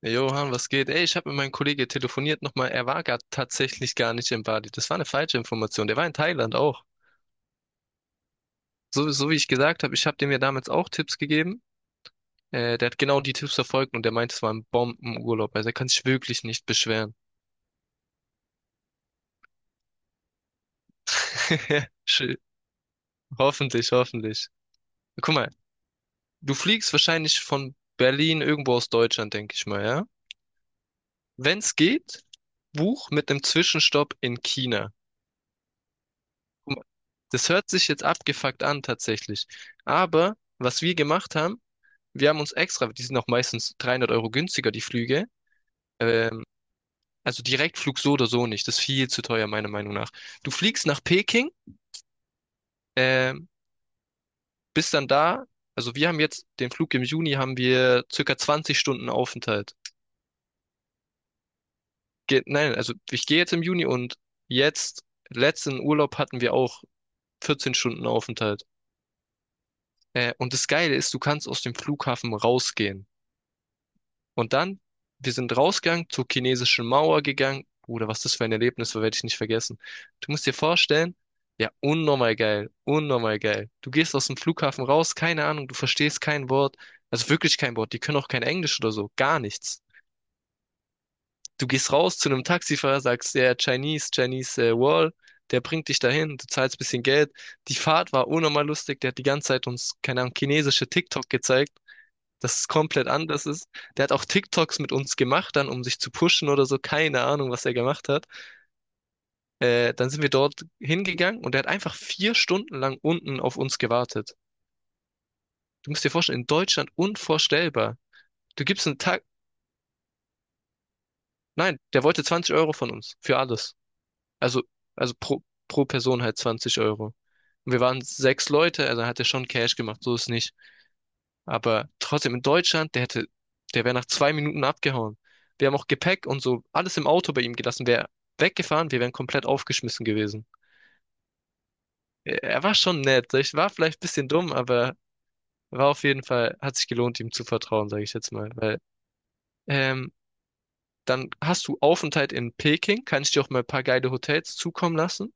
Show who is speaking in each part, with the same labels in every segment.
Speaker 1: Hey Johann, was geht? Ey, ich habe mit meinem Kollegen telefoniert nochmal. Er war gar tatsächlich gar nicht in Bali. Das war eine falsche Information. Der war in Thailand auch. So wie ich gesagt habe, ich habe dem ja damals auch Tipps gegeben. Der hat genau die Tipps verfolgt und der meint, es war ein Bombenurlaub. Also er kann sich wirklich nicht beschweren. Schön. Hoffentlich, hoffentlich. Guck mal, du fliegst wahrscheinlich von Berlin irgendwo aus Deutschland, denke ich mal, ja? Wenn es geht, buch mit einem Zwischenstopp in China. Das hört sich jetzt abgefuckt an, tatsächlich. Aber was wir gemacht haben, wir haben uns extra, die sind auch meistens 300 Euro günstiger, die Flüge. Ähm, also Direktflug so oder so nicht. Das ist viel zu teuer, meiner Meinung nach. Du fliegst nach Peking, ähm, bist dann da. Also wir haben jetzt den Flug im Juni, haben wir circa 20 Stunden Aufenthalt. Ge nein, also ich gehe jetzt im Juni und jetzt, letzten Urlaub hatten wir auch 14 Stunden Aufenthalt. Und das Geile ist, du kannst aus dem Flughafen rausgehen. Und dann, wir sind rausgegangen, zur chinesischen Mauer gegangen. Bruder, was das für ein Erlebnis war, werde ich nicht vergessen. Du musst dir vorstellen, ja, unnormal geil, unnormal geil. Du gehst aus dem Flughafen raus, keine Ahnung, du verstehst kein Wort, also wirklich kein Wort, die können auch kein Englisch oder so, gar nichts. Du gehst raus zu einem Taxifahrer, sagst, ja, Chinese, Chinese Wall, der bringt dich dahin, du zahlst ein bisschen Geld. Die Fahrt war unnormal lustig, der hat die ganze Zeit uns, keine Ahnung, chinesische TikTok gezeigt, das ist komplett anders ist. Der hat auch TikToks mit uns gemacht, dann um sich zu pushen oder so, keine Ahnung, was er gemacht hat. Dann sind wir dort hingegangen und der hat einfach 4 Stunden lang unten auf uns gewartet. Du musst dir vorstellen, in Deutschland unvorstellbar. Du gibst einen Tag, nein, der wollte 20 Euro von uns für alles. Also, also pro Person halt 20 Euro. Und wir waren sechs Leute, also hat er schon Cash gemacht, so ist nicht. Aber trotzdem in Deutschland, der wäre nach 2 Minuten abgehauen. Wir haben auch Gepäck und so alles im Auto bei ihm gelassen, wäre weggefahren, wir wären komplett aufgeschmissen gewesen. Er war schon nett, ich war vielleicht ein bisschen dumm, aber war auf jeden Fall, hat sich gelohnt, ihm zu vertrauen, sage ich jetzt mal, weil ähm, dann hast du Aufenthalt in Peking, kann ich dir auch mal ein paar geile Hotels zukommen lassen.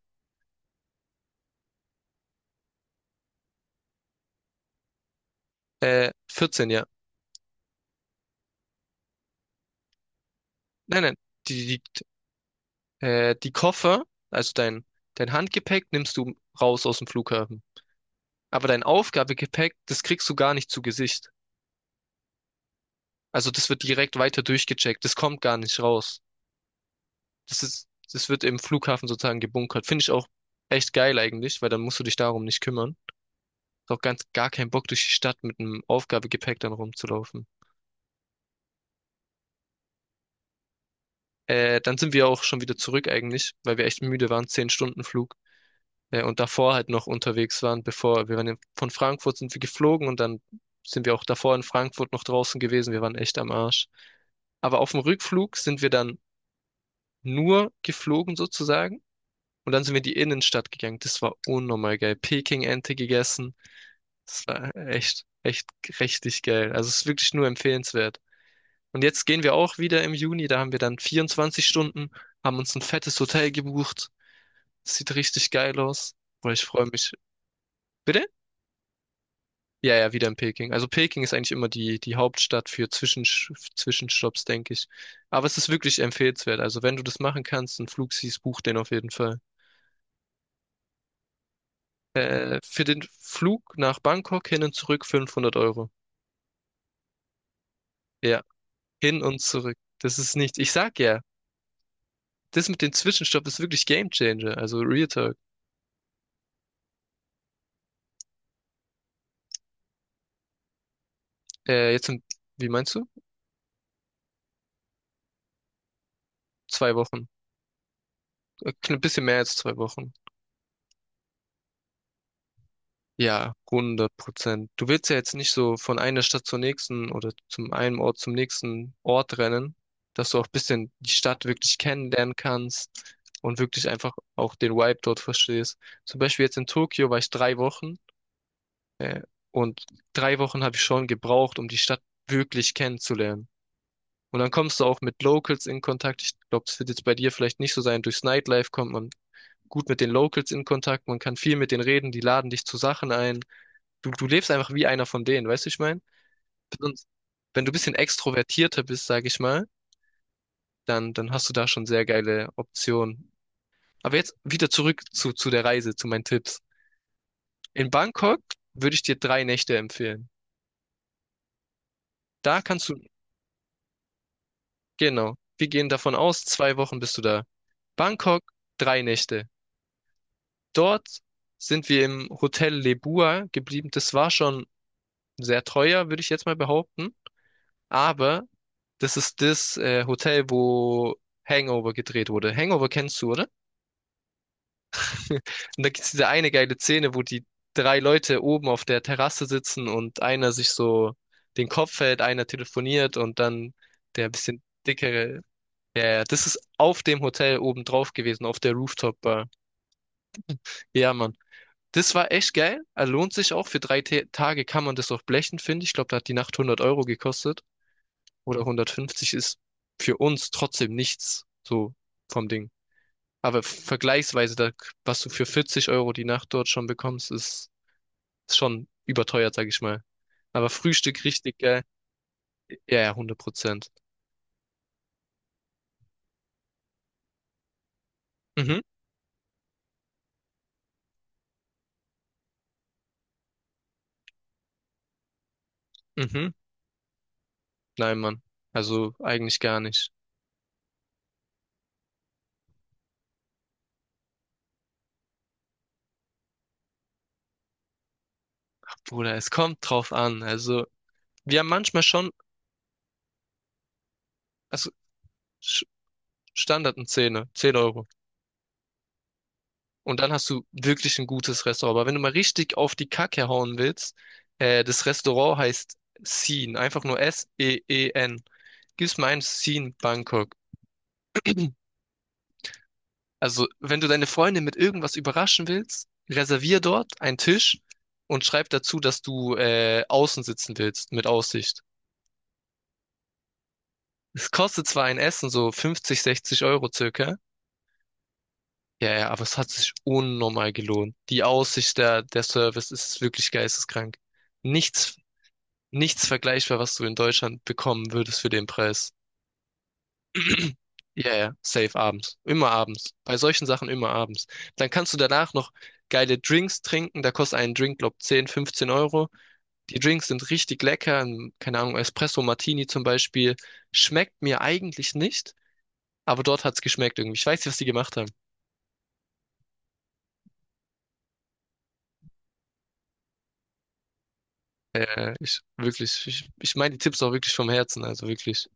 Speaker 1: 14, ja. Nein, nein, die, die, die Koffer, also dein Handgepäck nimmst du raus aus dem Flughafen. Aber dein Aufgabegepäck, das kriegst du gar nicht zu Gesicht. Also das wird direkt weiter durchgecheckt. Das kommt gar nicht raus. Das ist, Das wird im Flughafen sozusagen gebunkert. Finde ich auch echt geil eigentlich, weil dann musst du dich darum nicht kümmern. Ist auch ganz gar kein Bock durch die Stadt mit einem Aufgabegepäck dann rumzulaufen. Dann sind wir auch schon wieder zurück eigentlich, weil wir echt müde waren. 10 Stunden Flug. Und davor halt noch unterwegs waren, bevor wir waren in, von Frankfurt sind wir geflogen und dann sind wir auch davor in Frankfurt noch draußen gewesen. Wir waren echt am Arsch. Aber auf dem Rückflug sind wir dann nur geflogen sozusagen und dann sind wir in die Innenstadt gegangen. Das war unnormal geil. Peking-Ente gegessen. Das war echt, echt richtig geil. Also es ist wirklich nur empfehlenswert. Und jetzt gehen wir auch wieder im Juni. Da haben wir dann 24 Stunden, haben uns ein fettes Hotel gebucht. Sieht richtig geil aus. Boah, ich freue mich. Bitte? Ja, ja, wieder in Peking. Also Peking ist eigentlich immer die Hauptstadt für Zwischensch Zwischenstopps, denke ich. Aber es ist wirklich empfehlenswert. Also wenn du das machen kannst, einen Flug siehst, buch den auf jeden Fall. Für den Flug nach Bangkok hin und zurück 500 Euro. Ja, hin und zurück. Das ist nicht, ich sag ja, das mit dem Zwischenstopp ist wirklich Game Changer. Also Real Talk. Jetzt, in, wie meinst du? 2 Wochen. Ein bisschen mehr als 2 Wochen. Ja, 100%. Du willst ja jetzt nicht so von einer Stadt zur nächsten oder zum einem Ort zum nächsten Ort rennen, dass du auch ein bisschen die Stadt wirklich kennenlernen kannst und wirklich einfach auch den Vibe dort verstehst. Zum Beispiel jetzt in Tokio war ich 3 Wochen, äh, und 3 Wochen habe ich schon gebraucht, um die Stadt wirklich kennenzulernen. Und dann kommst du auch mit Locals in Kontakt. Ich glaube, das wird jetzt bei dir vielleicht nicht so sein. Durchs Nightlife kommt man gut mit den Locals in Kontakt. Man kann viel mit denen reden. Die laden dich zu Sachen ein. Du lebst einfach wie einer von denen, weißt du, ich meine? Sonst, wenn du ein bisschen extrovertierter bist, sage ich mal, dann hast du da schon sehr geile Optionen. Aber jetzt wieder zurück zu der Reise, zu meinen Tipps. In Bangkok würde ich dir 3 Nächte empfehlen. Da kannst du, genau, wir gehen davon aus, 2 Wochen bist du da. Bangkok, 3 Nächte. Dort sind wir im Hotel Lebua geblieben. Das war schon sehr teuer, würde ich jetzt mal behaupten. Aber das ist das Hotel, wo Hangover gedreht wurde. Hangover kennst du, oder? Und da gibt's diese eine geile Szene, wo die drei Leute oben auf der Terrasse sitzen und einer sich so den Kopf hält, einer telefoniert und dann der bisschen dickere. Ja, ja, das ist auf dem Hotel oben drauf gewesen, auf der Rooftop-Bar. Ja, Mann. Das war echt geil. Lohnt sich auch. Für drei Tage kann man das auch blechen, finde ich. Ich glaube, da hat die Nacht 100 Euro gekostet. Oder 150 ist für uns trotzdem nichts. So vom Ding. Aber vergleichsweise, da, was du für 40 Euro die Nacht dort schon bekommst, ist schon überteuert, sag ich mal. Aber Frühstück richtig geil. Ja, ja, 100%. Mhm, mhm. Nein, Mann. Also eigentlich gar nicht. Bruder, es kommt drauf an. Also, wir haben manchmal schon, also Sch- Standard ein Zehner, 10 Euro. Und dann hast du wirklich ein gutes Restaurant. Aber wenn du mal richtig auf die Kacke hauen willst, das Restaurant heißt Seen, einfach nur Seen. Gib's mal ein Seen Bangkok. Also, wenn du deine Freundin mit irgendwas überraschen willst, reservier dort einen Tisch und schreib dazu, dass du außen sitzen willst, mit Aussicht. Es kostet zwar ein Essen so 50, 60 Euro circa. Ja, ja, aber es hat sich unnormal gelohnt. Die Aussicht, der Service ist wirklich geisteskrank. Nichts, nichts vergleichbar, was du in Deutschland bekommen würdest für den Preis. Ja, ja, safe abends. Immer abends. Bei solchen Sachen immer abends. Dann kannst du danach noch geile Drinks trinken. Da kostet ein Drink, glaub, 10, 15 Euro. Die Drinks sind richtig lecker. Ein, keine Ahnung, Espresso Martini zum Beispiel. Schmeckt mir eigentlich nicht, aber dort hat's geschmeckt irgendwie. Ich weiß nicht, was die gemacht haben. Ich meine die Tipps auch wirklich vom Herzen, also wirklich.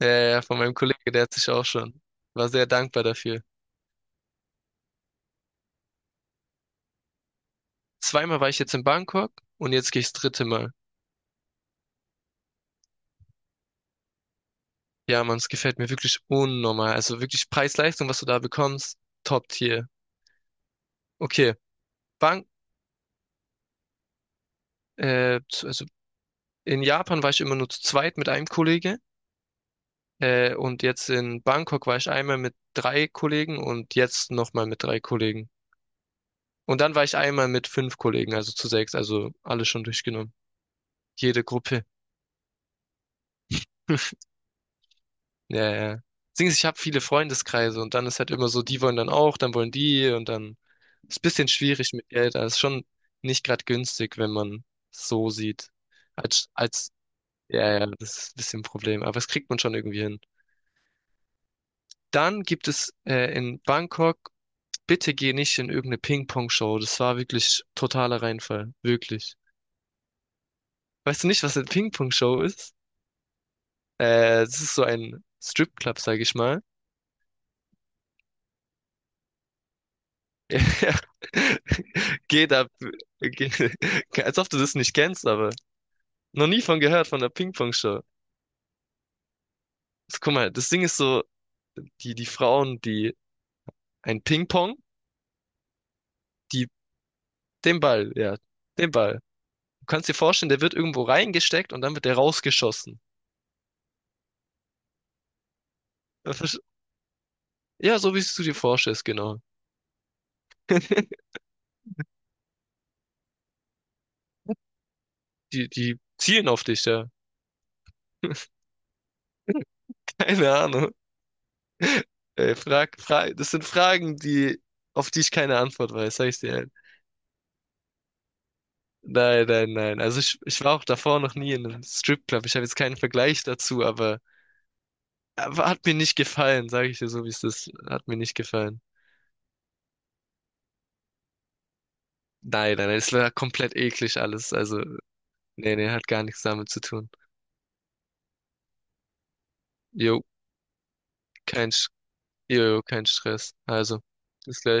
Speaker 1: Ja, ja, ja, von meinem Kollegen, der hat sich auch schon. War sehr dankbar dafür. Zweimal war ich jetzt in Bangkok und jetzt gehe ich das dritte Mal. Ja, Mann, es gefällt mir wirklich unnormal. Also wirklich Preis-Leistung, was du da bekommst, Top-Tier. Okay, Bank, also in Japan war ich immer nur zu zweit mit einem Kollege. Und jetzt in Bangkok war ich einmal mit drei Kollegen und jetzt nochmal mit drei Kollegen. Und dann war ich einmal mit fünf Kollegen, also zu sechs, also alle schon durchgenommen. Jede Gruppe. Ja, ja. Deswegen, ich habe viele Freundeskreise und dann ist halt immer so, die wollen dann auch, dann wollen die und dann ist ein bisschen schwierig mit Geld. Das ist schon nicht gerade günstig, wenn man so sieht. Als, als, ja, ja, das ist ein bisschen ein Problem, aber das kriegt man schon irgendwie hin. Dann gibt es in Bangkok, bitte geh nicht in irgendeine Ping-Pong-Show. Das war wirklich totaler Reinfall. Wirklich. Weißt du nicht, was eine Ping-Pong-Show ist? Es ist so ein Stripclub, sag ich mal. Ja, geht ab. Geht, als ob du das nicht kennst, aber noch nie von gehört, von der Ping-Pong-Show. Also, guck mal, das Ding ist so, die Frauen, die ein Ping-Pong, die, den Ball, ja, den Ball. Du kannst dir vorstellen, der wird irgendwo reingesteckt und dann wird der rausgeschossen. Das ist- Ja, so wie du dir vorstellst, genau. Die zielen auf dich, ja. Keine Ahnung. Ey, frag, das sind Fragen, auf die ich keine Antwort weiß, sag ich dir. Nein, nein, nein. Also ich war auch davor noch nie in einem Stripclub. Ich habe jetzt keinen Vergleich dazu, aber hat mir nicht gefallen, sage ich dir so, wie es ist. Hat mir nicht gefallen. Nein, nein, nein, es war komplett eklig alles. Also, nee, nee, hat gar nichts damit zu tun. Jo, kein, Sch- jo, kein Stress. Also, bis gleich.